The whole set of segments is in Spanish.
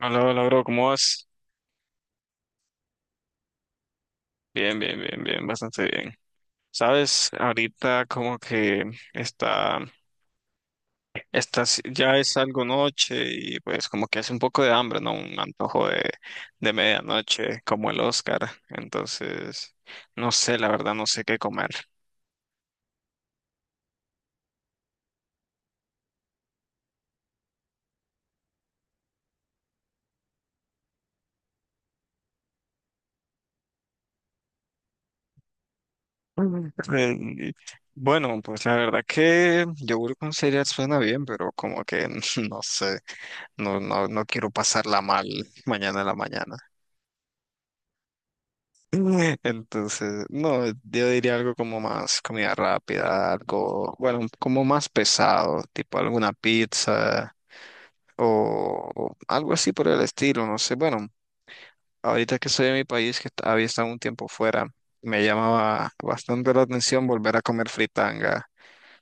Hola, hola, bro, ¿cómo vas? Bien, bien, bien, bien, bastante bien. Sabes, ahorita como que está, está, si- ya es algo noche y pues como que hace un poco de hambre, ¿no? Un antojo de medianoche, como el Oscar. Entonces, no sé, la verdad, no sé qué comer. Mm. Eh, Bueno, pues la verdad que yogur con cereal suena bien, pero como que no sé, no quiero pasarla mal mañana en la mañana. Entonces, no, yo diría algo como más comida rápida, algo, bueno, como más pesado, tipo alguna pizza o algo así por el estilo, no sé. Bueno, ahorita que soy de mi país, había estado un tiempo fuera, me llamaba bastante la atención volver a comer fritanga.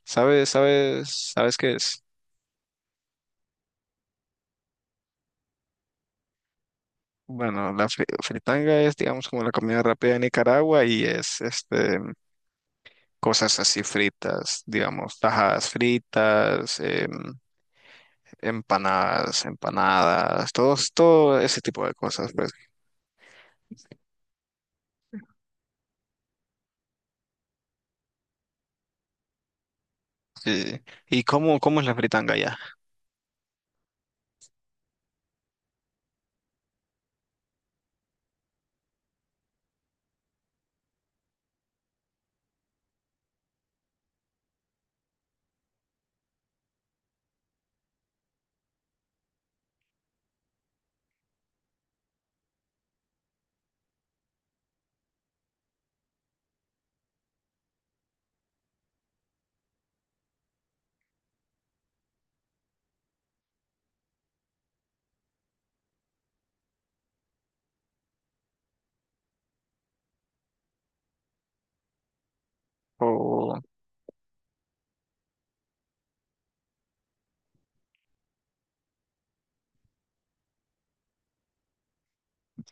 ¿Sabes qué es? Bueno, la fritanga es, digamos, como la comida rápida de Nicaragua y es, este, cosas así fritas, digamos, tajadas fritas, empanadas, todo ese tipo de cosas, pues. ¿Y, y cómo es la fritanga allá? O,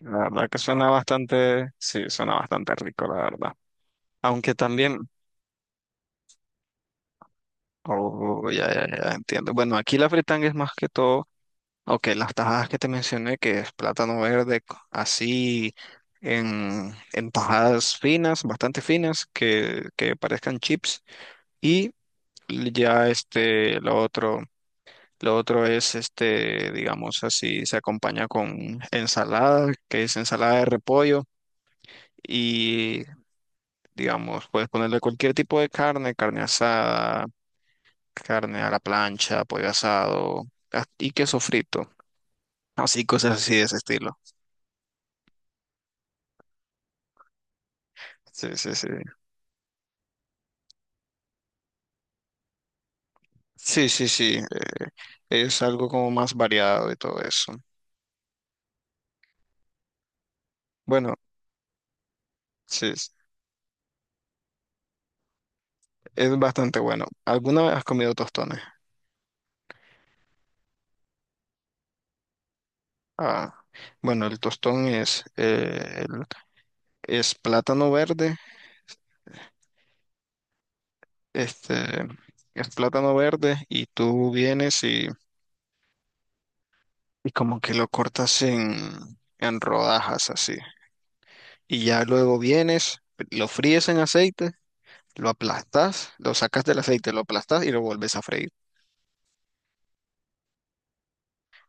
la verdad que suena bastante, sí, suena bastante rico, la verdad. Aunque también, oh, ya, entiendo. Bueno, aquí la fritanga es más que todo. Ok, las tajadas que te mencioné, que es plátano verde, así en tajadas finas, bastante finas, que parezcan chips. Y ya este, lo otro es este, digamos así, se acompaña con ensalada, que es ensalada de repollo. Y digamos, puedes ponerle cualquier tipo de carne, carne asada, carne a la plancha, pollo asado, y queso frito. Así, cosas así de ese estilo. Sí, sí, sí. Sí, sí, sí, es algo como más variado y todo eso. Bueno, sí, es bastante bueno. ¿Alguna vez has comido tostones? Ah, bueno, el tostón es, el- es plátano verde, este, es plátano verde y tú vienes y como que lo cortas en rodajas así. Y ya luego vienes, lo fríes en aceite, lo aplastas, lo sacas del aceite, lo aplastas y lo vuelves a freír.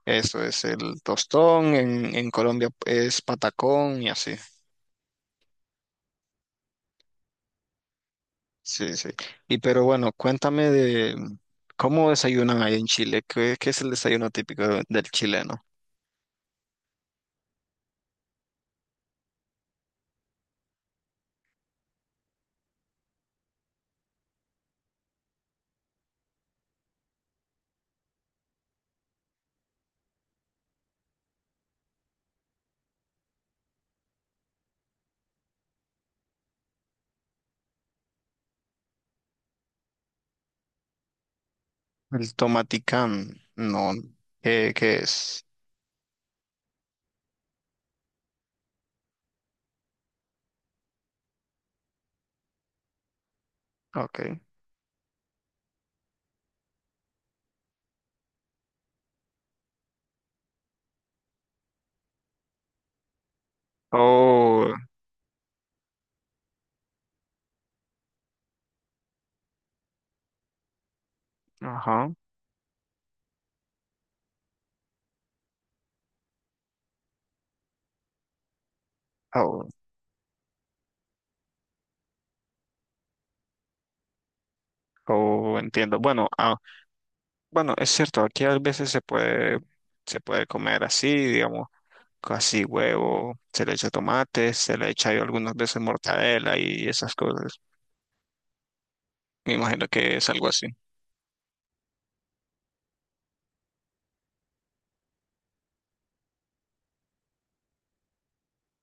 Eso es el tostón, en Colombia es patacón y así. Sí, sí. Y pero bueno, cuéntame de cómo desayunan ahí en Chile. ¿Qué, qué es el desayuno típico del chileno? El tomaticán, no. ¿Qué, qué es? Ok. Oh, ajá. Oh, oh, entiendo. Bueno, ah, bueno, es cierto, aquí a veces se puede comer así, digamos, casi huevo, se le echa tomate, se le echa yo algunas veces mortadela y esas cosas. Me imagino que es algo así.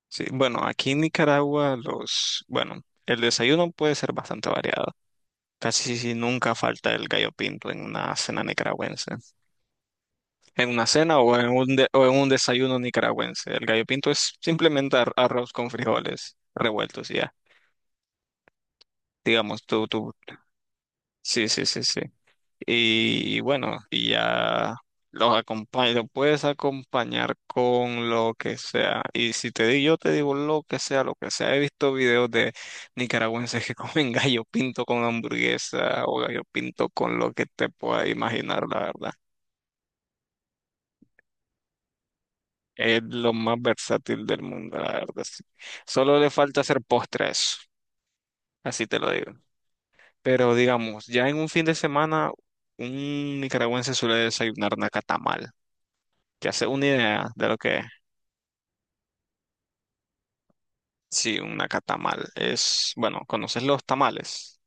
Sí, bueno, aquí en Nicaragua los, bueno, el desayuno puede ser bastante variado. Casi si nunca falta el gallo pinto en una cena nicaragüense. En una cena o en un, o en un desayuno nicaragüense. El gallo pinto es simplemente arroz con frijoles revueltos y ya. Digamos, tú, sí, sí, sí, sí. Y bueno, y ya los acompaño, lo puedes acompañar con lo que sea. Y si te digo, yo te digo lo que sea, lo que sea. He visto videos de nicaragüenses que comen gallo pinto con hamburguesa o gallo pinto con lo que te puedas imaginar, la verdad. Es lo más versátil del mundo, la verdad. Sí. Solo le falta hacer postres, así te lo digo. Pero digamos, ya en un fin de semana, un nicaragüense suele desayunar nacatamal. Que hace una idea de lo que es. Sí, una catamal es, bueno, ¿conoces los tamales?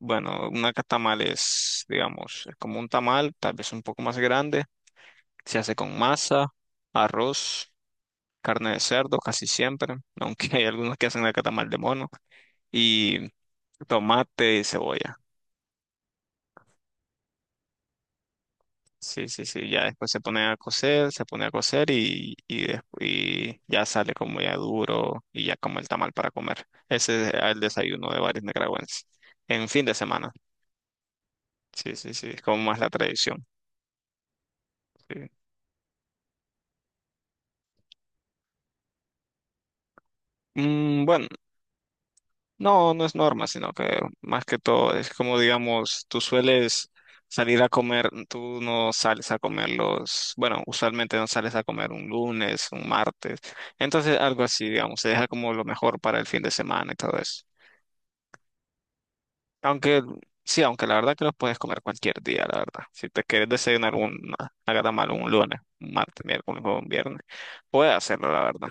Bueno, una catamal es, digamos, es como un tamal, tal vez un poco más grande. Se hace con masa, arroz, carne de cerdo, casi siempre, aunque hay algunos que hacen la catamal de mono, y tomate y cebolla. Sí, sí, sí, ya después se pone a cocer, se pone a cocer y, y ya sale como ya duro y ya como el tamal para comer. Ese es el desayuno de varios nicaragüenses en fin de semana. Sí, sí, sí, es como más la tradición. Sí. Mm, bueno, no es norma, sino que más que todo es como, digamos, tú sueles salir a comer, tú no sales a comer los, bueno, usualmente no sales a comer un lunes, un martes, entonces algo así, digamos, se deja como lo mejor para el fin de semana y todo eso. Aunque, sí, aunque la verdad que los puedes comer cualquier día, la verdad. Si te quieres desayunar un, haga mal un lunes, un martes, miércoles o un viernes, puedes hacerlo, la verdad.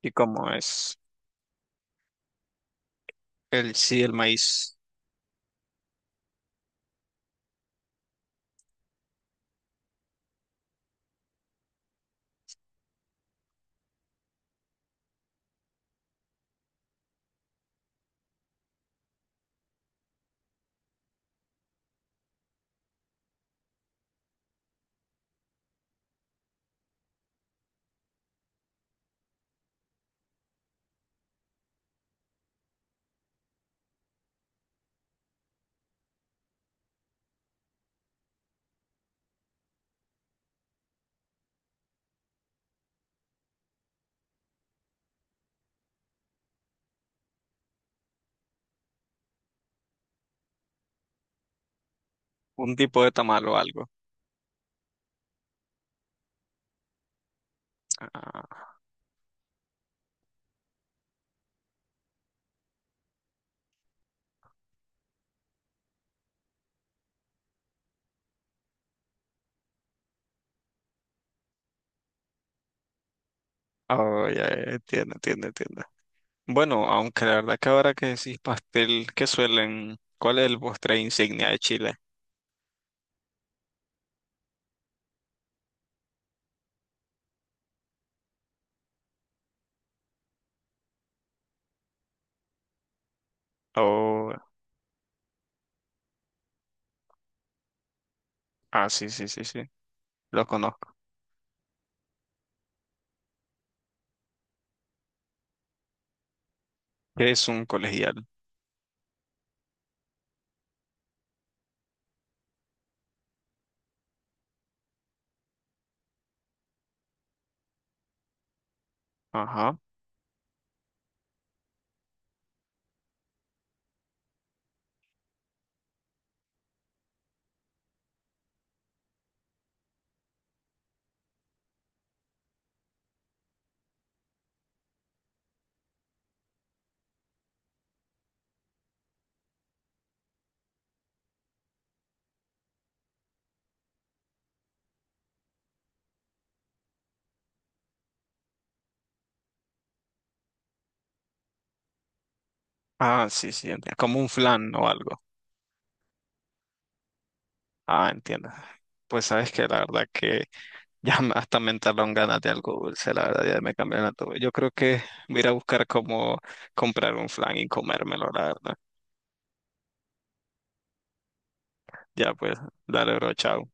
¿Y como es? El sí, el maíz. Un tipo de tamal o algo. Ah, oh, ya, entiendo. Bueno, aunque la verdad que ahora que decís pastel, ¿qué suelen? ¿Cuál es el postre insignia de Chile? Oh, ah, sí, sí, sí, sí. Lo conozco. ¿Qué es un colegial? Ajá. Ah, sí, sí, entiendo. Como un flan o algo. Ah, entiendo. Pues sabes que la verdad que hasta me entraron ganas de algo dulce, la verdad ya me cambiaron todo. Yo creo que voy a ir a buscar cómo comprar un flan y comérmelo, la verdad. Ya pues, dale, bro, chao.